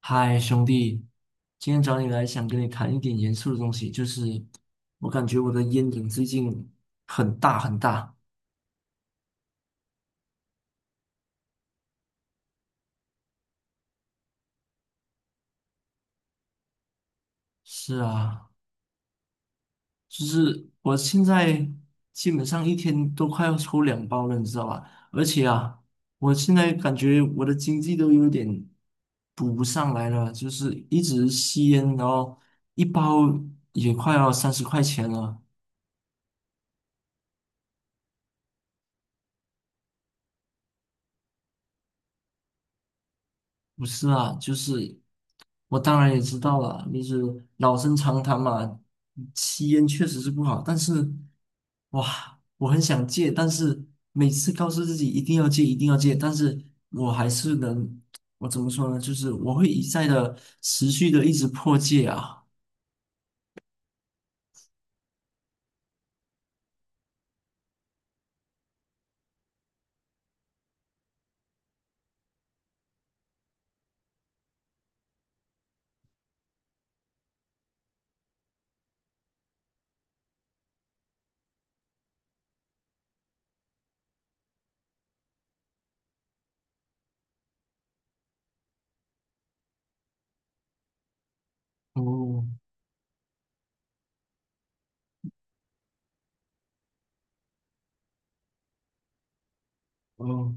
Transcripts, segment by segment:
嗨，兄弟，今天找你来想跟你谈一点严肃的东西，就是我感觉我的烟瘾最近很大很大。是啊，就是我现在基本上一天都快要抽两包了，你知道吧？而且啊，我现在感觉我的经济都有点补不上来了，就是一直吸烟，然后一包也快要三十块钱了。不是啊，就是我当然也知道了，就是老生常谈嘛，吸烟确实是不好，但是哇，我很想戒，但是每次告诉自己一定要戒，一定要戒，但是我还是能，我怎么说呢？就是我会一再的持续的一直破戒啊。哦哦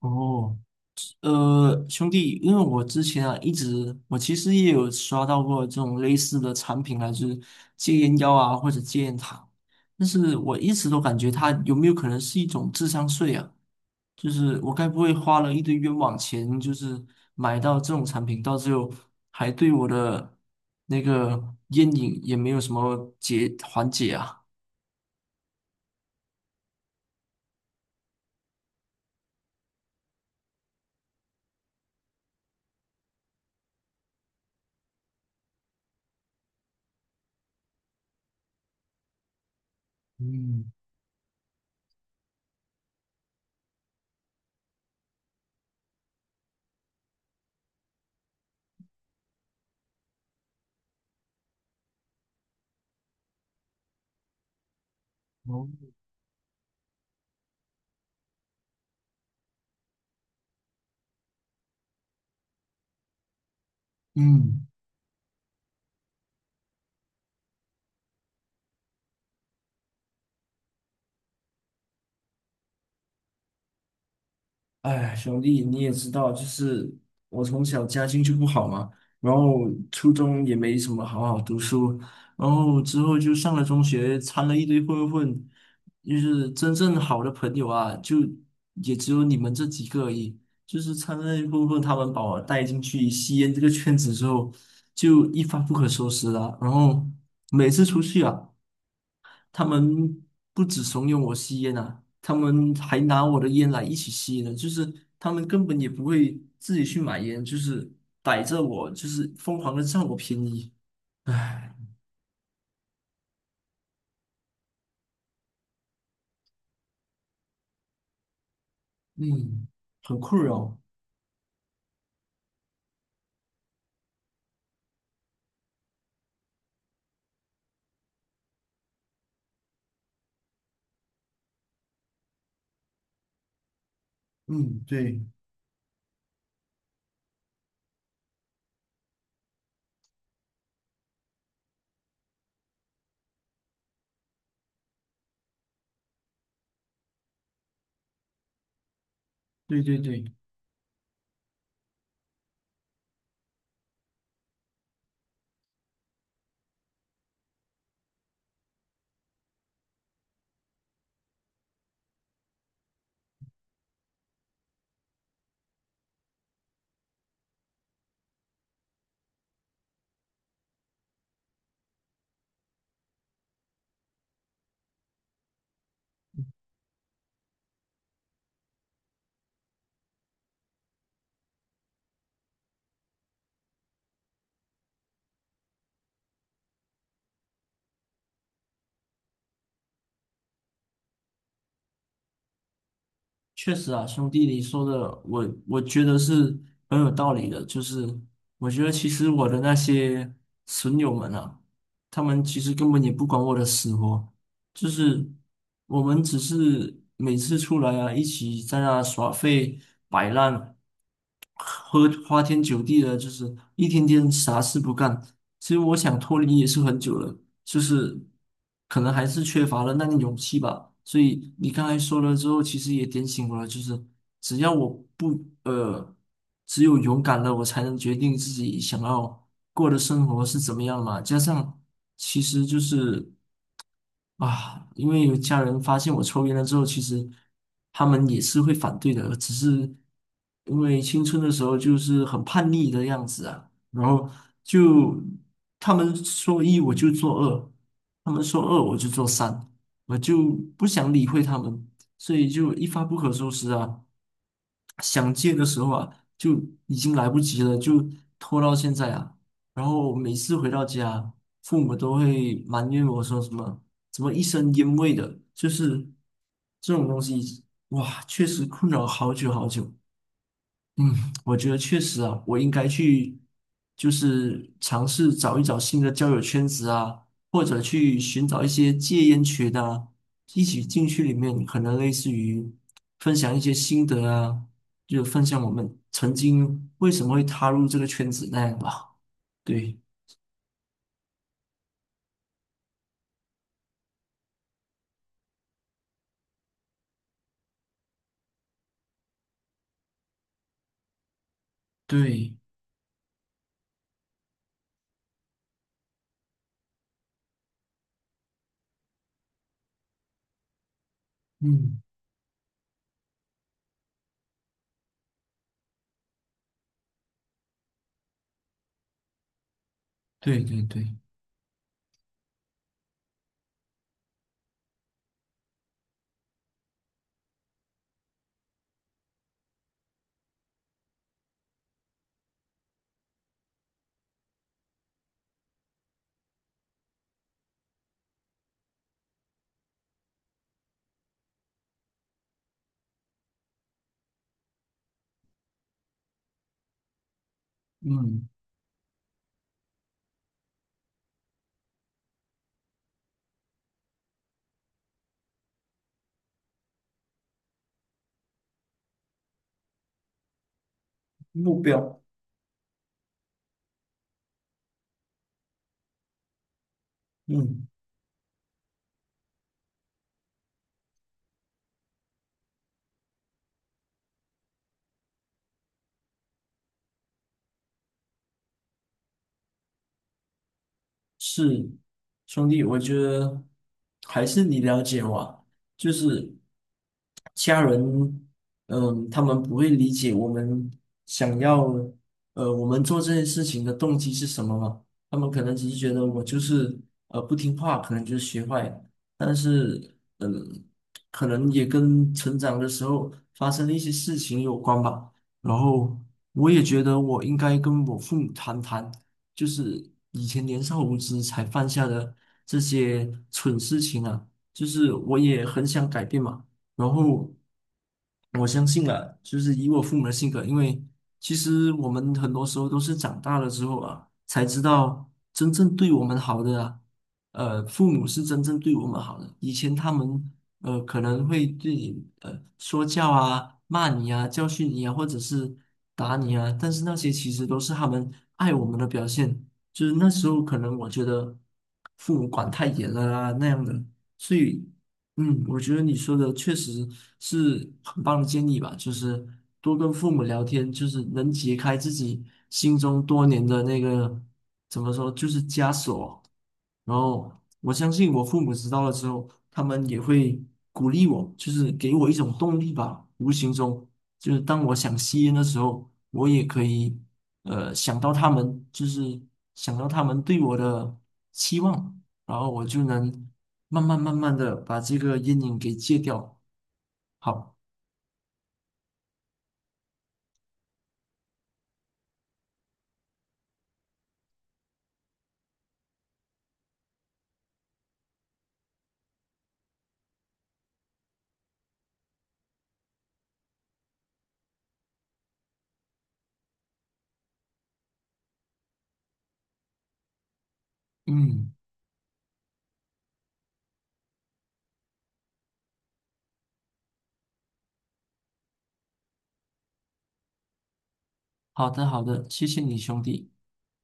哦，兄弟，因为我之前啊一直，我其实也有刷到过这种类似的产品啊，就是戒烟药啊或者戒烟糖，但是我一直都感觉它有没有可能是一种智商税啊？就是我该不会花了一堆冤枉钱，就是买到这种产品，到最后还对我的那个烟瘾也没有什么解缓解啊？嗯，哦，嗯。哎，兄弟，你也知道，就是我从小家境就不好嘛，然后初中也没什么好好读书，然后之后就上了中学，掺了一堆混混，就是真正好的朋友啊，就也只有你们这几个而已。就是掺了一堆混混，他们把我带进去吸烟这个圈子之后，就一发不可收拾了。然后每次出去啊，他们不止怂恿我吸烟啊，他们还拿我的烟来一起吸呢。就是他们根本也不会自己去买烟，就是逮着我，就是疯狂的占我便宜。唉，嗯，很困扰。嗯，对，对对对。确实啊，兄弟，你说的我觉得是很有道理的。就是我觉得其实我的那些损友们啊，他们其实根本也不管我的死活，就是我们只是每次出来啊，一起在那耍废摆烂，喝花天酒地的，就是一天天啥事不干。其实我想脱离也是很久了，就是可能还是缺乏了那个勇气吧。所以你刚才说了之后，其实也点醒我了，就是只要我不呃，只有勇敢了，我才能决定自己想要过的生活是怎么样嘛。加上其实就是。啊，因为有家人发现我抽烟了之后，其实他们也是会反对的，只是因为青春的时候就是很叛逆的样子啊，然后就他们说一我就做二，他们说二我就做三，我就不想理会他们，所以就一发不可收拾啊。想戒的时候啊，就已经来不及了，就拖到现在啊。然后每次回到家，父母都会埋怨我说什么。怎么一身烟味的？就是这种东西，哇，确实困扰好久好久。嗯，我觉得确实啊，我应该去就是尝试找一找新的交友圈子啊，或者去寻找一些戒烟群的啊，一起进去里面，可能类似于分享一些心得啊，就分享我们曾经为什么会踏入这个圈子那样吧。对对，嗯，对对对，嗯，目标，嗯。是，兄弟，我觉得还是你了解我啊，就是家人，嗯，他们不会理解我们想要，我们做这件事情的动机是什么嘛？他们可能只是觉得我就是不听话，可能就是学坏，但是嗯，可能也跟成长的时候发生的一些事情有关吧。然后我也觉得我应该跟我父母谈谈。就是以前年少无知才犯下的这些蠢事情啊，就是我也很想改变嘛。然后我相信了，就是以我父母的性格，因为其实我们很多时候都是长大了之后啊，才知道真正对我们好的啊，父母是真正对我们好的。以前他们可能会对你说教啊、骂你啊、教训你啊，或者是打你啊，但是那些其实都是他们爱我们的表现。就是那时候可能我觉得父母管太严了啊那样的，所以。嗯，我觉得你说的确实是很棒的建议吧，就是多跟父母聊天，就是能解开自己心中多年的那个，怎么说，就是枷锁。然后我相信我父母知道了之后，他们也会鼓励我，就是给我一种动力吧。无形中，就是当我想吸烟的时候，我也可以想到他们，就是想到他们对我的期望，然后我就能慢慢慢慢的把这个阴影给戒掉。好，嗯，好的好的，谢谢你兄弟。